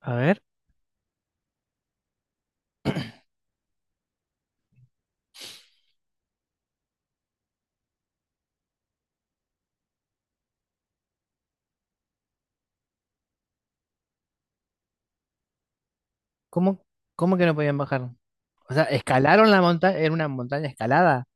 A ver, ¿cómo, cómo que no podían bajar? O sea, escalaron la montaña, era una montaña escalada.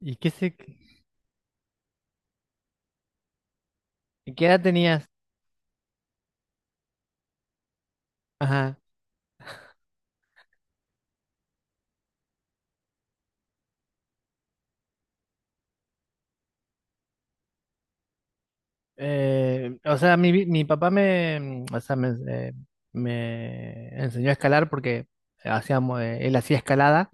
¿Y qué se, ¿Y qué edad tenías? Ajá. Mi papá me, o sea, me, me enseñó a escalar porque hacíamos, él hacía escalada.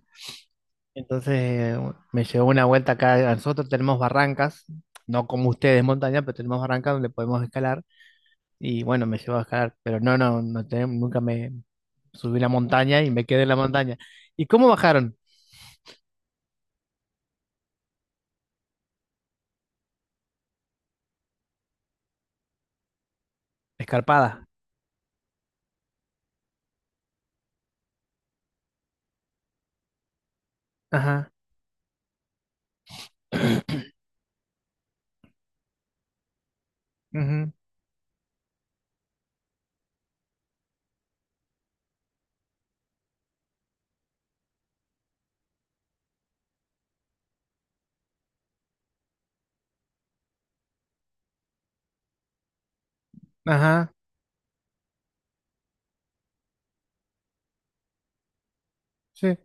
Entonces me llevó una vuelta acá. A nosotros tenemos barrancas, no como ustedes montaña, pero tenemos barrancas donde podemos escalar. Y bueno, me llevó a escalar, pero nunca me subí a la montaña y me quedé en la montaña. ¿Y cómo bajaron? Escarpada. Ajá. Ujú. Ajá. Sí.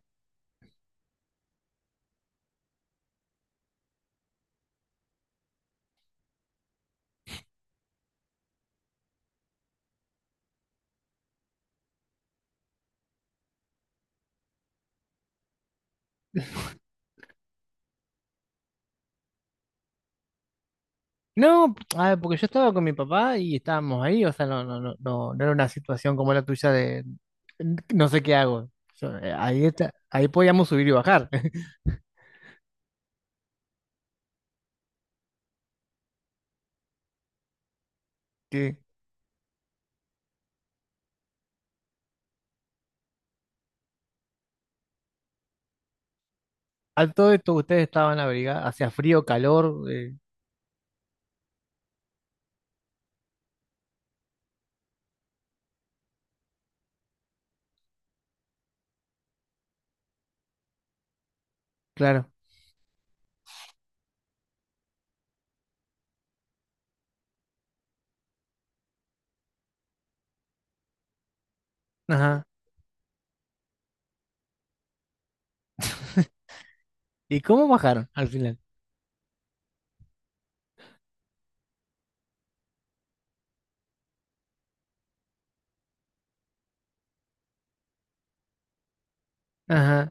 No, a ver, porque yo estaba con mi papá y estábamos ahí, o sea, no era una situación como la tuya de "N- no sé qué hago". Yo, ahí está, ahí podíamos subir y bajar. Sí. A todo esto, ustedes estaban abrigados, hacía frío, calor, claro. Ajá. ¿Y cómo bajaron al final? Ajá.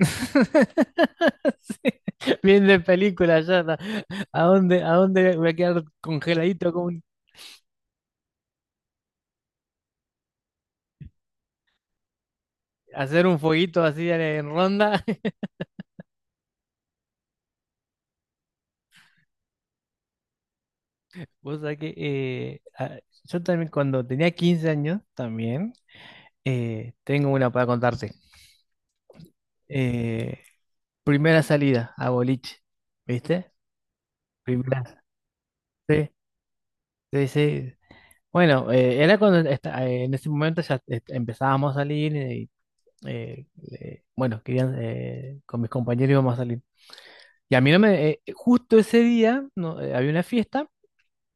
Sí. Bien de película ya, ¿no? A dónde voy a quedar congeladito como un, hacer un fueguito así en ronda? Vos sabés que yo también cuando tenía 15 años, también tengo una para contarte. Eh, Primera salida a boliche, ¿viste? Primera. Sí, sí, sí. Bueno, en ese momento ya empezábamos a salir y eh, bueno, querían, con mis compañeros íbamos a salir. Y a mí no me, justo ese día no, había una fiesta.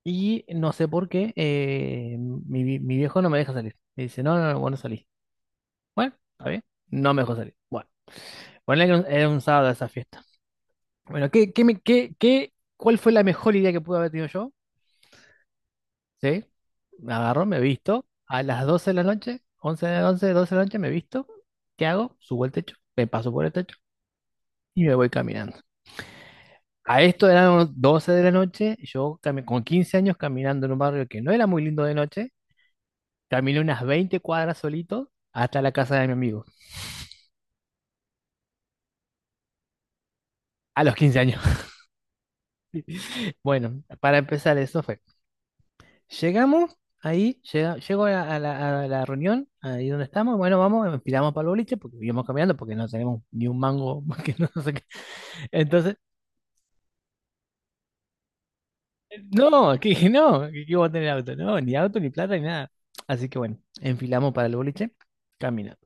Y no sé por qué, mi viejo no me deja salir. Me dice, no, no, no, vos no salís. Bueno, está bien. No me dejó salir. Bueno, bueno, era un sábado esa fiesta. Bueno, ¿qué, qué, me- qué, qué- cuál fue la mejor idea que pude haber tenido yo? Sí, me agarro, me visto. A las 12 de la noche, 11 de la noche, 12 de la noche, me visto. ¿Qué hago? Subo al techo, me paso por el techo y me voy caminando. A esto eran unos 12 de la noche, yo con 15 años caminando en un barrio que no era muy lindo de noche. Caminé unas 20 cuadras solito hasta la casa de mi amigo, a los 15 años. Bueno, para empezar, eso fue. Llegamos ahí, llego a a la reunión, ahí donde estamos. Bueno, vamos, empilamos para el boliche porque íbamos caminando, porque no tenemos ni un mango, que no sé qué. Entonces, no, que dije, no, que iba a tener auto, no, ni auto, ni plata, ni nada. Así que bueno, enfilamos para el boliche, caminamos.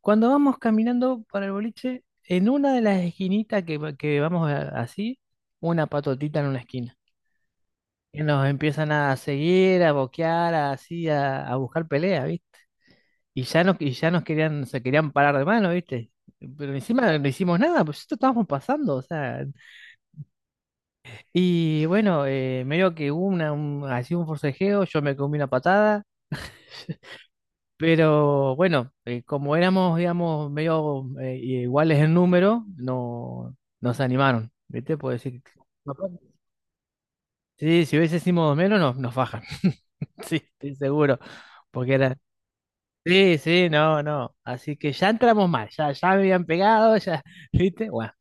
Cuando vamos caminando para el boliche, en una de las esquinitas que, que vamos a- así, una patotita en una esquina. Y nos empiezan a seguir, a boquear, a- así, a buscar pelea, ¿viste? Y ya nos querían, se querían parar de mano, ¿viste? Pero encima no hicimos nada, pues esto estábamos pasando, o sea. Y bueno, medio que hubo una, un, así un forcejeo, yo me comí una patada. Pero bueno, como éramos, digamos, medio iguales en número, no, nos animaron, ¿viste? Puedo decir, papá. Sí, si hubiésemos menos, nos fajan. Sí, estoy seguro. Porque era, sí, sí, no, no. Así que ya entramos mal, ya, ya me habían pegado, ya. ¿Viste? Bueno,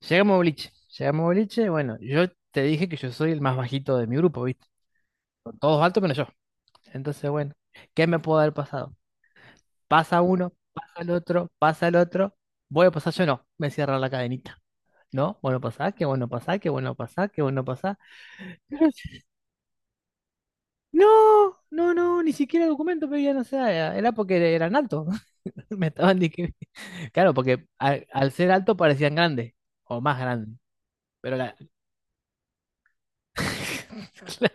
llegamos a boliche, llegamos a boliche, bueno, yo te dije que yo soy el más bajito de mi grupo, ¿viste? Son todos altos menos yo. Entonces, bueno, ¿qué me puede haber pasado? Pasa uno, pasa el otro, pasa el otro. Voy a pasar yo, no, me cierra la cadenita. No, bueno pasar que bueno pasar que bueno pasar que bueno pasar. No, no, no, ni siquiera documento pedían, o sea, era porque eran altos. Me estaban discriminando. Claro, porque al ser alto parecían grandes o más grandes. Pero la... Claro.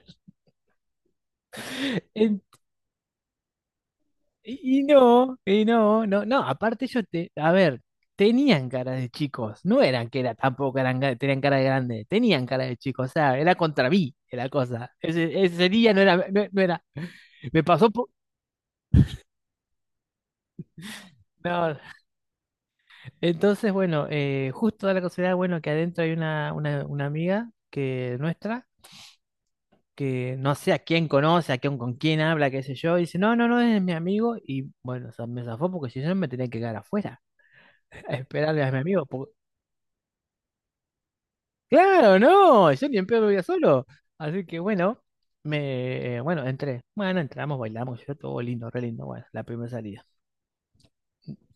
Y no, no, no, aparte ellos te, a ver, tenían cara de chicos, no eran que era tampoco eran, tenían cara de grande, tenían cara de chicos, o sea, era contra mí la cosa. Ese día no era, no era, me pasó por, no. Entonces, bueno, justo da la casualidad, bueno, que adentro hay una amiga que nuestra, que no sé a quién conoce, a quién, con quién habla, qué sé yo, y dice, no, no, no, es mi amigo, y bueno, o sea, me zafó porque si no me tenía que quedar afuera, a esperarle a mi amigo. Claro, no, yo ni en pedo vivía solo. Así que bueno, bueno, entré. Bueno, entramos, bailamos, yo todo lindo, re lindo. Bueno, la primera salida.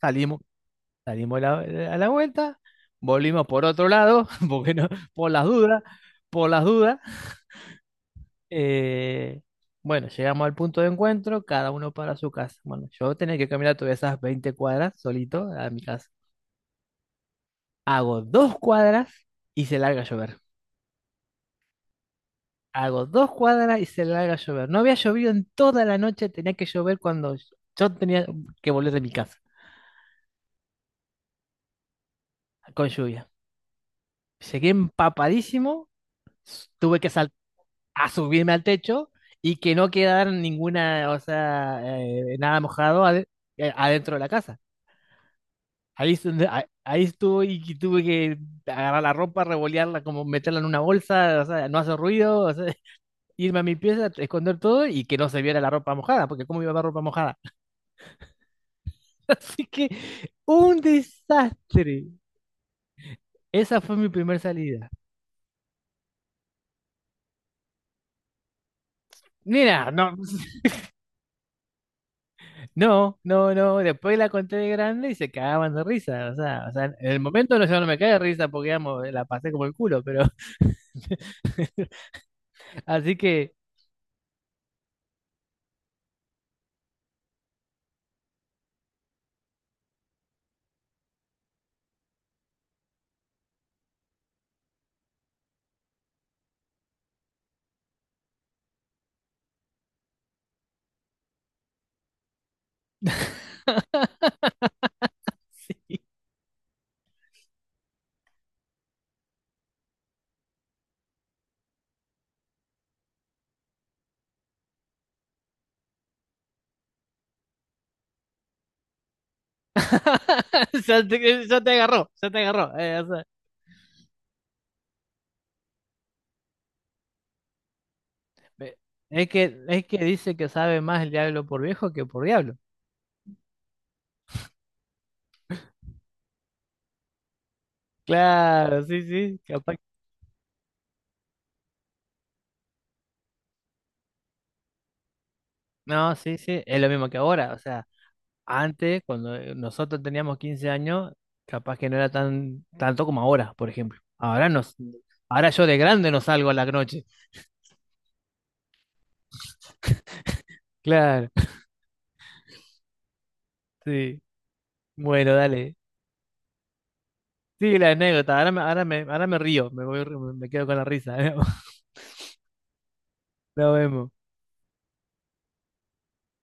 Salimos, a la vuelta, volvimos por otro lado, porque no, por las dudas, por las dudas. Eh, bueno, llegamos al punto de encuentro, cada uno para su casa. Bueno, yo tenía que caminar todas esas 20 cuadras solito a mi casa. Hago 2 cuadras y se larga a llover. Hago 2 cuadras y se larga a llover. No había llovido en toda la noche, tenía que llover cuando yo tenía que volver de mi casa con lluvia. Llegué empapadísimo, s- tuve que sal- a subirme al techo y que no quedara ninguna, o sea, nada mojado adentro de la casa. Ahí, es donde- a- ahí estuve y tuve que agarrar la ropa, revolearla, como meterla en una bolsa, o sea, no hacer ruido, o sea, irme a mi pieza, esconder todo y que no se viera la ropa mojada, porque ¿cómo iba a haber ropa mojada? Así que un desastre. Esa fue mi primera salida. Mira, no. No, no, no. Después la conté de grande y se cagaban de risa. O sea, en el momento no, yo no me cae de risa porque digamos, la pasé como el culo, pero así que sí. Ya te agarró, ya te agarró. Ve- es que, es que dice que sabe más el diablo por viejo que por diablo. Claro, sí, sí, capaz. No, sí, sí, es lo mismo que ahora, o sea. Antes, cuando nosotros teníamos 15 años, capaz que no era tan tanto como ahora, por ejemplo. Ahora yo de grande no salgo a la noche. Claro. Sí. Bueno, dale. Sí, la anécdota. Ahora me río, me voy, me quedo con la risa. Nos vemos.